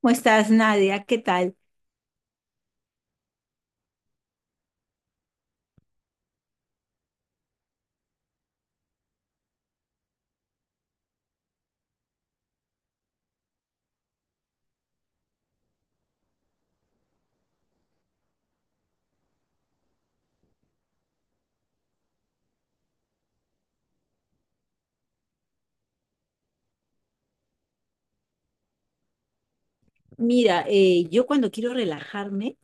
¿Cómo estás, Nadia? ¿Qué tal? Mira, yo cuando quiero relajarme,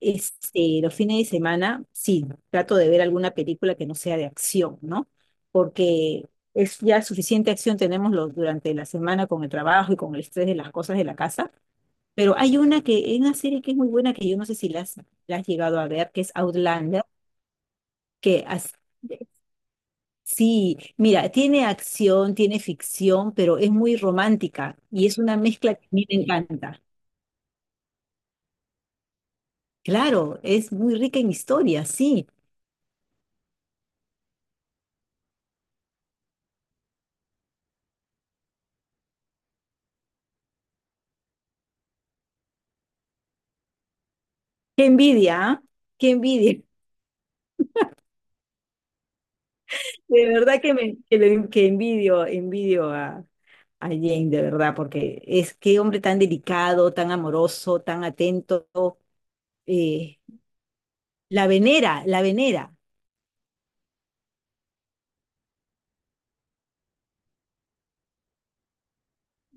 este, los fines de semana, sí, trato de ver alguna película que no sea de acción, ¿no? Porque es ya suficiente acción tenemos durante la semana con el trabajo y con el estrés de las cosas de la casa, pero hay una serie que es muy buena que yo no sé si la has, la has llegado a ver, que es Outlander, que as- Sí, mira, tiene acción, tiene ficción, pero es muy romántica y es una mezcla que a mí me encanta. Claro, es muy rica en historia, sí. Qué envidia, ¿ah? Qué envidia. De verdad que me que, le- que envidio, a Jane, de verdad, porque es qué hombre tan delicado, tan amoroso, tan atento. eh, la venera, la venera.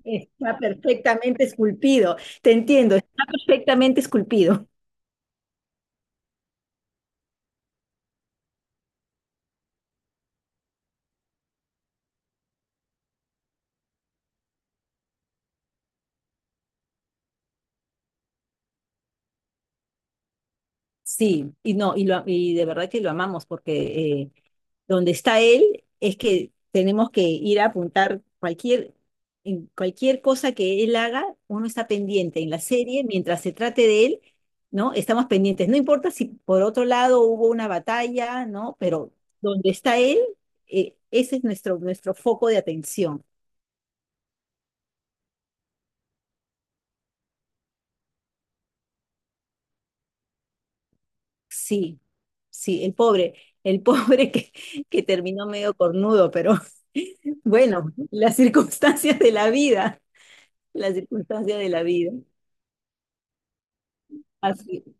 Está perfectamente esculpido. Te entiendo, está perfectamente esculpido. Sí, y no, y, lo, y de verdad que lo amamos porque eh, donde está él es que tenemos que ir a apuntar en cualquier cosa que él haga, uno está pendiente en la serie, mientras se trate de él, ¿no? Estamos pendientes. No importa si por otro lado hubo una batalla, ¿no? Pero donde está él, ese es nuestro foco de atención. Sí, sí, el pobre. El que terminó medio cornudo, pero bueno, las circunstancias de la vida, las circunstancias de la vida. Así.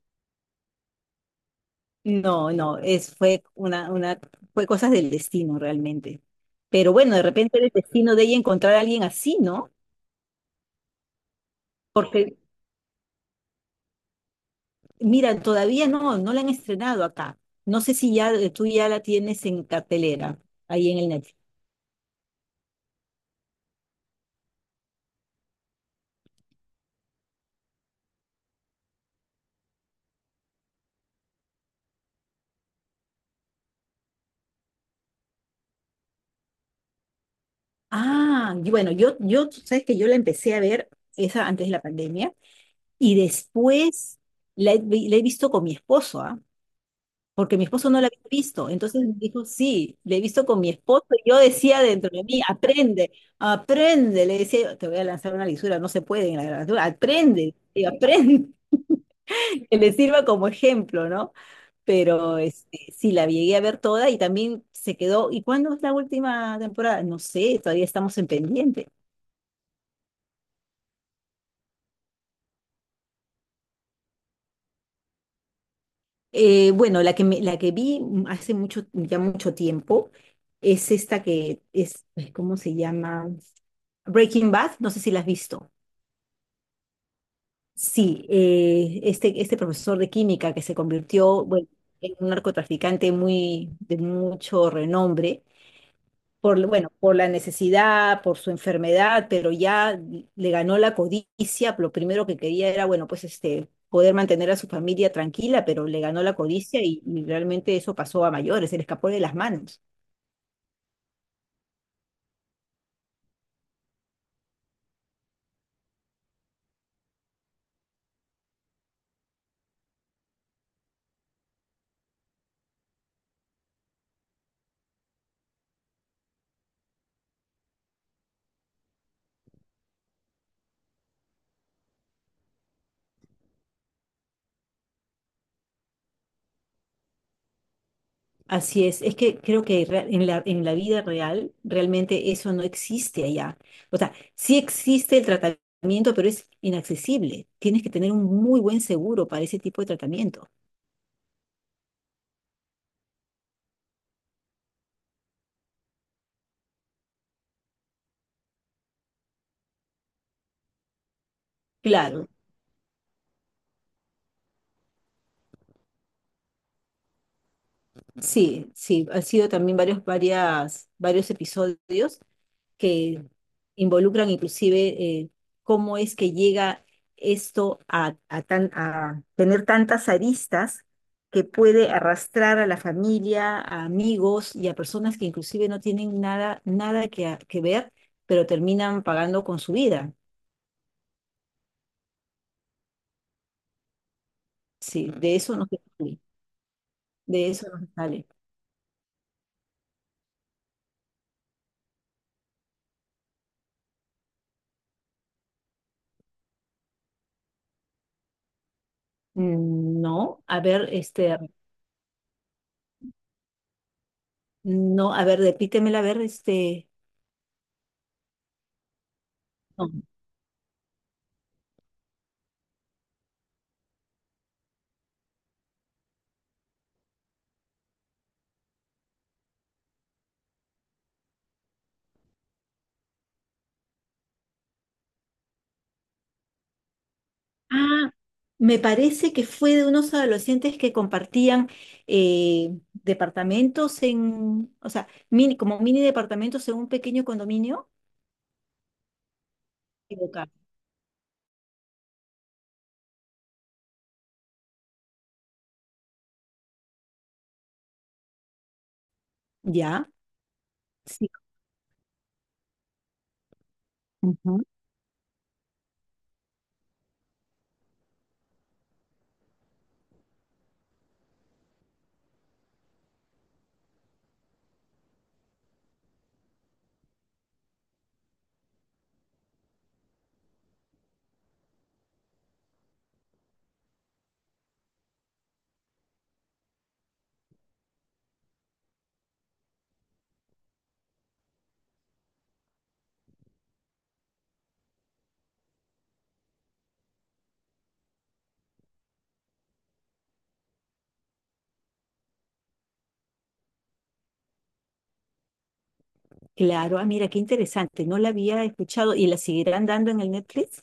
No, no, es, fue una fue cosas del destino realmente. Pero bueno, de repente era el destino de ella encontrar a alguien así, ¿no? Porque, mira, todavía no la han estrenado acá. No sé si ya tú ya la tienes en cartelera, ahí en el Netflix. Ah, y bueno, tú sabes que yo la empecé a ver esa antes de la pandemia y después la he visto con mi esposo, ¿ah? Porque mi esposo no la había visto. Entonces me dijo, sí, le he visto con mi esposo. Y yo decía dentro de mí, aprende, aprende. Le decía, yo, te voy a lanzar una lisura, no se puede en la literatura, aprende, y aprende, que le sirva como ejemplo, ¿no? Pero este, sí, la llegué a ver toda y también se quedó. ¿Y cuándo es la última temporada? No sé, todavía estamos en pendiente. Bueno, la que vi hace mucho, ya mucho tiempo es esta que es, ay, ¿cómo se llama? Breaking Bad, no sé si la has visto. Sí, este profesor de química que se convirtió, bueno, en un narcotraficante muy, de mucho renombre por, bueno, por la necesidad, por su enfermedad, pero ya le ganó la codicia, lo primero que quería era, bueno, pues este, poder mantener a su familia tranquila, pero le ganó la codicia y realmente eso pasó a mayores, se le escapó de las manos. Así es que creo que en la vida real realmente eso no existe allá. O sea, sí existe el tratamiento, pero es inaccesible. Tienes que tener un muy buen seguro para ese tipo de tratamiento. Claro, sí, sí, han sido también varios episodios que involucran inclusive eh, cómo es que llega esto a tan, a tener tantas aristas que puede arrastrar a la familia, a amigos y a personas que inclusive no tienen nada, que ver, pero terminan pagando con su vida. Sí, de eso no se sale, de eso no se sale. No, a ver, este, no, a ver, repítemela, a ver, este... no. Ah, me parece que fue de unos adolescentes que compartían departamentos en, o sea, mini, como mini departamentos en un pequeño condominio. Equivocado. Ya, sí. Ujú. Claro, ah, mira, qué interesante, no la había escuchado y la seguirán dando en el Netflix.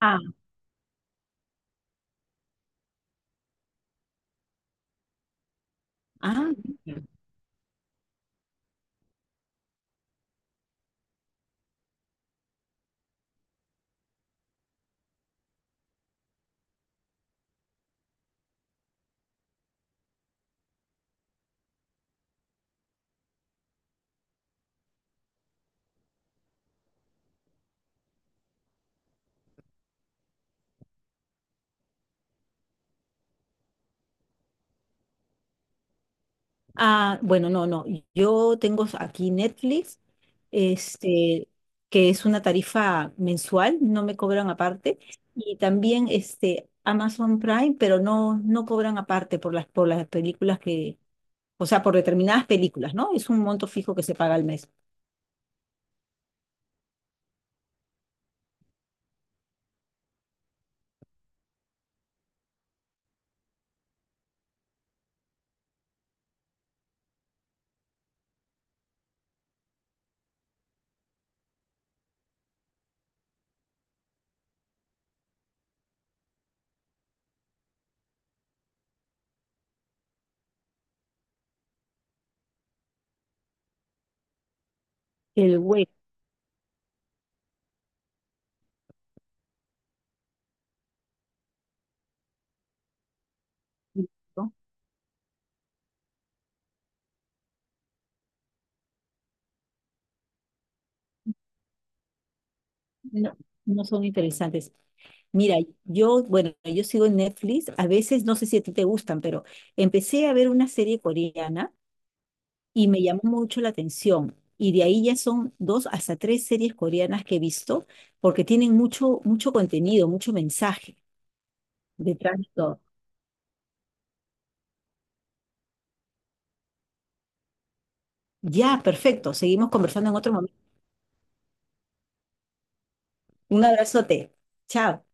Ah, ah, ah, bueno, no, no, yo tengo aquí Netflix este, que es una tarifa mensual, no me cobran aparte, y también este, Amazon Prime, pero no, no cobran aparte por las películas o sea, por determinadas películas, ¿no? Es un monto fijo que se paga al mes. El web, ¿no? No, no son interesantes. Mira, yo, bueno, yo sigo en Netflix, a veces no sé si a ti te gustan, pero empecé a ver una serie coreana y me llamó mucho la atención. Y de ahí ya son dos hasta tres series coreanas que he visto, porque tienen mucho, mucho contenido, mucho mensaje detrás de todo. Ya, perfecto. Seguimos conversando en otro momento. Un abrazote. Chao.